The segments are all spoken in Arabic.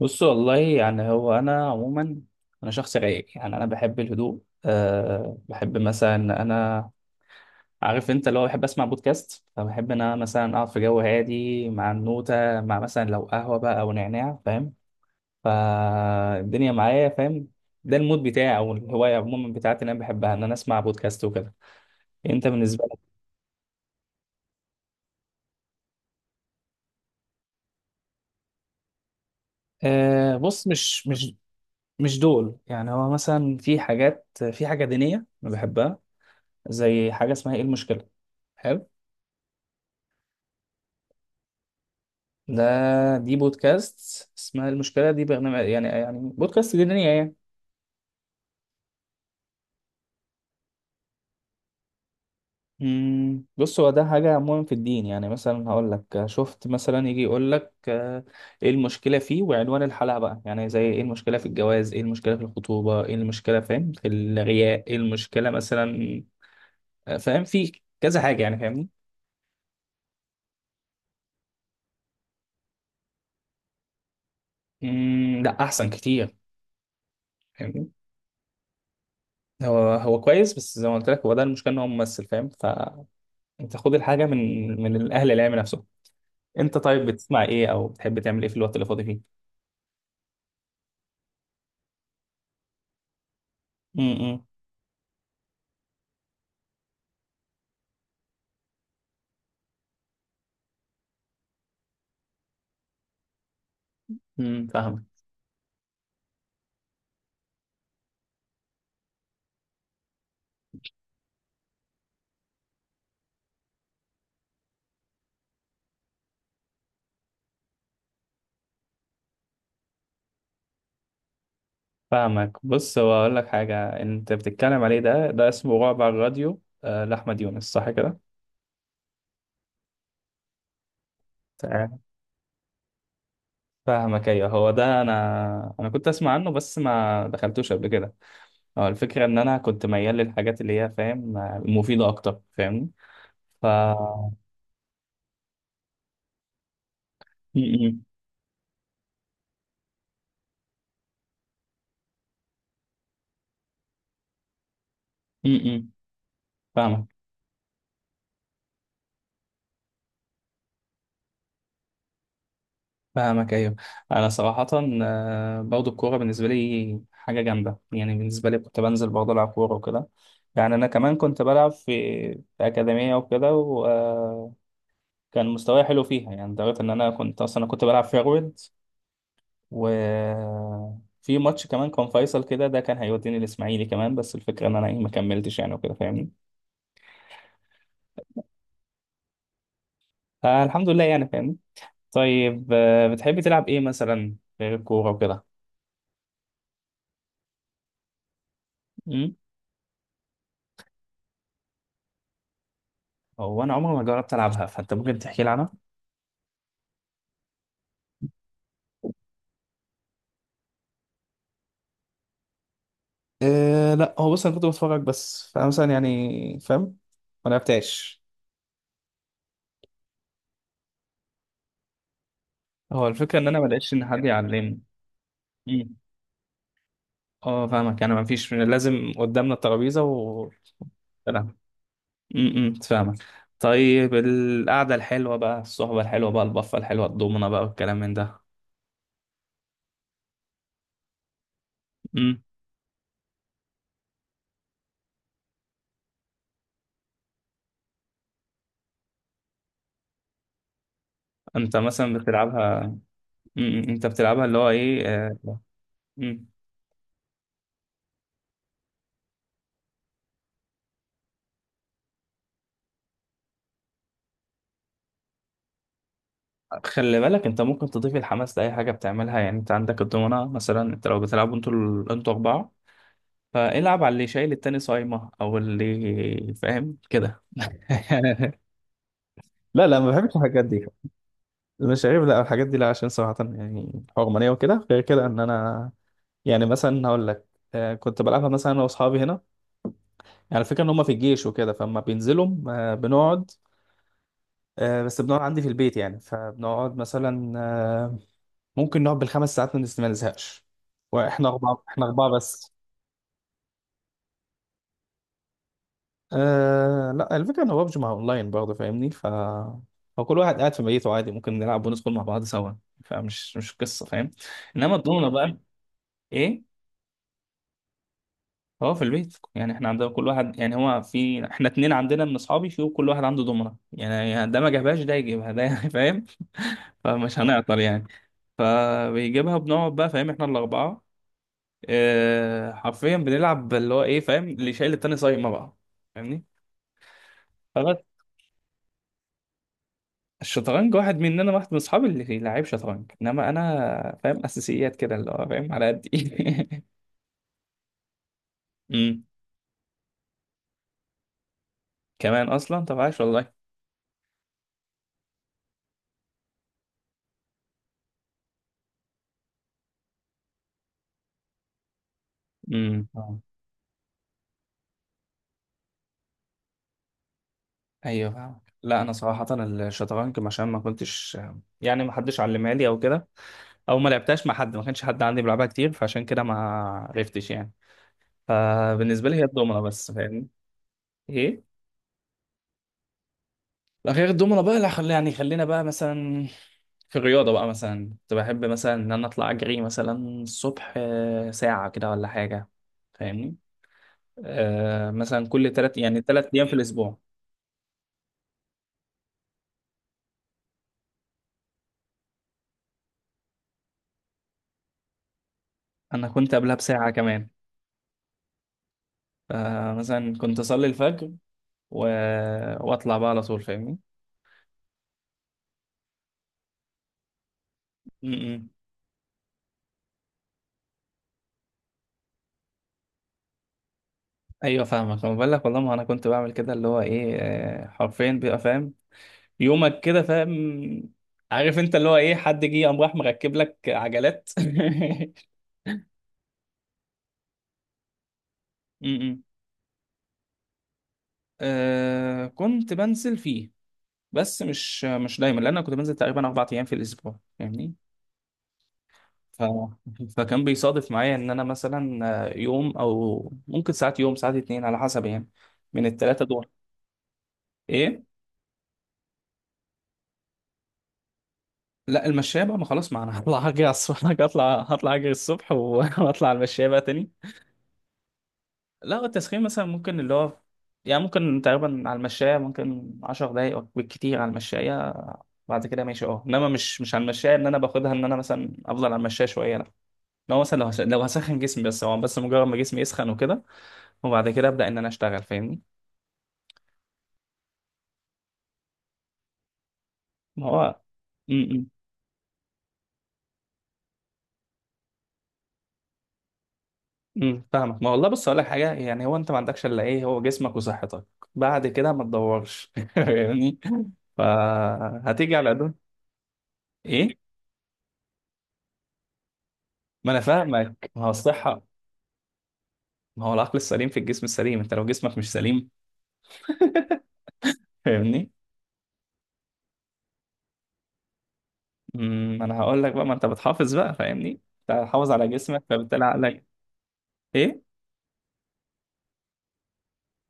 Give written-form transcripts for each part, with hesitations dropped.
بص، والله يعني هو انا عموما، انا شخص رايق. يعني انا بحب الهدوء. بحب مثلا إن انا عارف انت اللي هو بحب اسمع بودكاست. فبحب ان انا مثلا اقعد في جو هادي مع النوتة، مع مثلا لو قهوة بقى او نعناع، فاهم؟ فالدنيا معايا، فاهم؟ ده المود بتاعي او الهواية عموما بتاعتي اللي انا بحبها، ان انا اسمع بودكاست وكده. انت بالنسبة لك؟ آه بص، مش دول. يعني هو مثلا في حاجات، في حاجة دينية أنا بحبها، زي حاجة اسمها إيه المشكلة. حلو. ده دي بودكاست اسمها المشكلة، دي برنامج يعني، يعني بودكاست دينية يعني. بص، هو ده حاجة عموما في الدين. يعني مثلا هقول لك، شفت مثلا يجي يقول لك، ايه المشكلة فيه، وعنوان الحلقة بقى يعني زي ايه المشكلة في الجواز، ايه المشكلة في الخطوبة، ايه المشكلة فاهم في الغياء، ايه المشكلة مثلا. فاهم في كذا حاجة يعني، فاهمني؟ لا، أحسن كتير، فاهمني؟ هو هو كويس، بس زي ما قلت لك، هو ده المشكلة ان هو ممثل، فاهم؟ فانت خد الحاجة من الأهل العلم نفسه. انت طيب بتسمع ايه او بتحب تعمل ايه في الوقت اللي فاضي فيه؟ امم. فاهمك. فاهمك بص، هو اقول لك حاجه، انت بتتكلم عليه ده، اسمه رعب على الراديو، لاحمد يونس، صح كده؟ تمام. فاهمك ايوه هو ده. انا كنت اسمع عنه، بس ما دخلتوش قبل كده. هو الفكره ان انا كنت ميال للحاجات اللي هي فاهم مفيده اكتر، فاهمني؟ ف... امم. امم فاهمك. فاهمك ايوه. انا صراحه، برضو الكوره بالنسبه لي حاجه جامده. يعني بالنسبه لي كنت بنزل برضه العب كوره وكده. يعني انا كمان كنت بلعب في اكاديميه وكده، وكان مستواي حلو فيها. يعني لدرجه ان انا كنت اصلا، كنت بلعب فيرويد، وفي ماتش كمان كان فيصل كده، ده كان هيوديني الاسماعيلي كمان. بس الفكره ان انا ايه ما كملتش يعني وكده، فاهمني؟ فالحمد لله يعني، فاهمني؟ طيب، بتحبي تلعب ايه مثلا غير الكوره وكده؟ أمم؟ هو انا عمري ما جربت العبها. فانت ممكن تحكي لي عنها. إيه، لا هو بص انا كنت بتفرج بس، فانا مثلا يعني فاهم، ما لعبتهاش. هو الفكره ان انا ما لقيتش ان حد يعلمني. مم. اه فاهمك. يعني ما فيش، لازم قدامنا الترابيزه و... سلام. فاهمك. طيب القعده الحلوه بقى، الصحبه الحلوه بقى، البفه الحلوه، الضمنه بقى والكلام من ده. امم. انت مثلا بتلعبها؟ امم، انت بتلعبها، اللي هو ايه مم. خلي بالك، انت ممكن تضيف الحماس لاي حاجه بتعملها. يعني انت عندك الضمنه مثلا، انت لو بتلعبوا انتوا انتوا اربعه، فالعب على اللي شايل التاني صايمة، او اللي فاهم كده. لا لا، ما بحبش الحاجات دي. المشاريب لا، الحاجات دي لا، عشان صراحة يعني حرمانية وكده. غير كده ان انا، يعني مثلا هقول لك، كنت بلعبها مثلا انا واصحابي هنا. يعني الفكرة ان هم في الجيش وكده، فلما بينزلوا بنقعد، بس بنقعد عندي في البيت يعني. فبنقعد مثلا ممكن نقعد بالخمس ساعات ما ما نزهقش، واحنا اربعة. احنا اربعة بس. آه لا، الفكرة ان بابجي مع اونلاين برضه، فاهمني؟ ف... هو كل واحد قاعد في بيته عادي، ممكن نلعب وندخل مع بعض سوا. فمش مش قصة، فاهم؟ انما الضمنة بقى. ايه. هو في البيت يعني احنا عندنا كل واحد، يعني هو في احنا اتنين عندنا من اصحابي، في كل واحد عنده ضمنة يعني. ده ما جابهاش، ده يجيبها ده فاهم؟ فمش هنعطل يعني. فبيجيبها، بنقعد بقى فاهم، احنا الاربعة. آه حرفيا بنلعب اللي هو ايه فاهم، اللي شايل التاني صايمة بقى، فاهمني؟ الشطرنج، واحد مننا، واحد من اصحابي اللي لعيب شطرنج، انما انا فاهم اساسيات كده اللي هو فاهم على قد ايه. امم. كمان اصلا؟ طب عاش والله. آه. ايوه فاهم. لا انا صراحه الشطرنج، عشان ما كنتش، يعني ما حدش علمها لي او كده، او ما لعبتهاش مع حد، ما كانش حد عندي بيلعبها كتير، فعشان كده ما عرفتش يعني. فبالنسبه لي هي الدومنه بس، فاهمني؟ ايه. لا غير الدومنة بقى، لا خلي يعني، خلينا بقى مثلا في الرياضة بقى، مثلا كنت بحب مثلا إن أنا أطلع أجري مثلا الصبح، ساعة كده ولا حاجة، فاهمني؟ آه مثلا كل تلات يعني تلات أيام في الأسبوع. أنا كنت قبلها بساعة كمان. فمثلا كنت أصلي الفجر و... وأطلع بقى على طول، فاهمني؟ م- م. أيوه فاهمك. أنا بقول لك والله، ما أنا كنت بعمل كده اللي هو إيه، حرفيا بيبقى فاهم يومك كده فاهم. عارف أنت اللي هو إيه، حد جه قام راح مركب لك عجلات. امم. آه كنت بنزل فيه، بس مش دايما، لان انا كنت بنزل تقريبا اربع ايام في الاسبوع، فاهمني؟ ف... فكان بيصادف معايا ان انا مثلا، يوم او ممكن ساعات، يوم ساعات اتنين على حسب يعني، من التلاتة دول. ايه. لا المشاية بقى، ما خلاص، ما انا هطلع هجري على الصبح، هطلع اجري الصبح و- واطلع على المشاية بقى تاني. لا هو التسخين مثلا ممكن اللي هو يعني، ممكن تقريبا على المشاية ممكن عشر دقايق أو بالكتير على المشاية، بعد كده ماشي اه. انما مش على المشاية ان انا باخدها، ان انا مثلا افضل على المشاية شوية لا. لو مثلا لو لو هسخن جسمي بس، هو بس مجرد ما جسمي يسخن وكده، وبعد كده ابدا ان انا اشتغل، فاهمني؟ ما هو. امم. فاهمك. ما والله بص، اقول لك حاجة، يعني هو انت ما عندكش الا ايه، هو جسمك وصحتك. بعد كده ما تدورش يعني. فهتيجي على قدك. ايه. ما انا فاهمك. ما هو الصحة، ما هو العقل السليم في الجسم السليم. انت لو جسمك مش سليم، فاهمني؟ امم. انا هقول لك بقى، ما انت بتحافظ بقى فاهمني، انت حافظ على جسمك فبالتالي عقلك. ايه.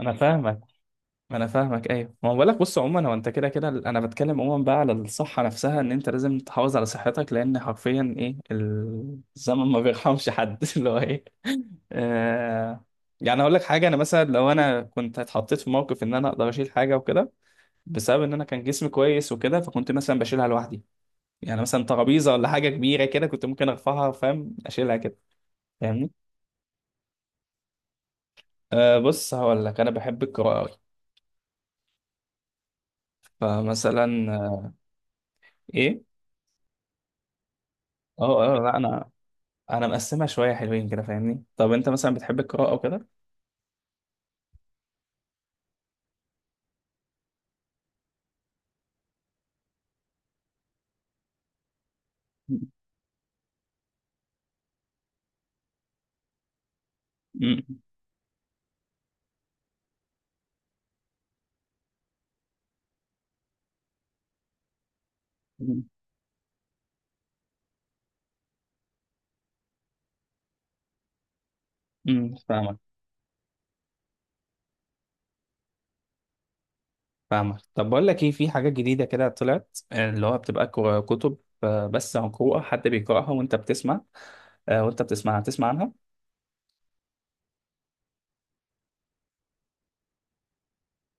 انا فاهمك. ما انا فاهمك، ايوه ما هو بقول لك، بص عموما هو انت كده كده. انا بتكلم عموما بقى على الصحه نفسها، ان انت لازم تحافظ على صحتك لان حرفيا ايه الزمن ما بيرحمش حد اللي هو ايه. آه يعني اقول لك حاجه، انا مثلا لو انا كنت اتحطيت في موقف ان انا اقدر اشيل حاجه وكده، بسبب ان انا كان جسمي كويس وكده، فكنت مثلا بشيلها لوحدي. يعني مثلا ترابيزه ولا حاجه كبيره كده كنت ممكن ارفعها فاهم، اشيلها كده، فاهمني؟ أه بص، هقول لك انا بحب القراءه أوي. فمثلا، ايه. اه اه لا، انا مقسمها شويه حلوين كده، فاهمني؟ طب انت مثلا بتحب القراءه وكده؟ امم. فاهمك. فاهمك. طب بقول لك ايه، في حاجات جديده كده طلعت، اللي هو بتبقى كتب، بس عن قراءه حد بيقراها وانت بتسمع، وانت بتسمعها، تسمع عنها.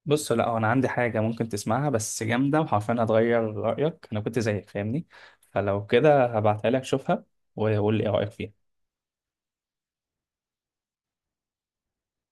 بص لا، هو انا عندي حاجه ممكن تسمعها بس جامده، وحرفيا هتغير رايك، انا كنت زيك، فاهمني؟ فلو كده هبعتها لك، شوفها وقول لي ايه رايك فيها.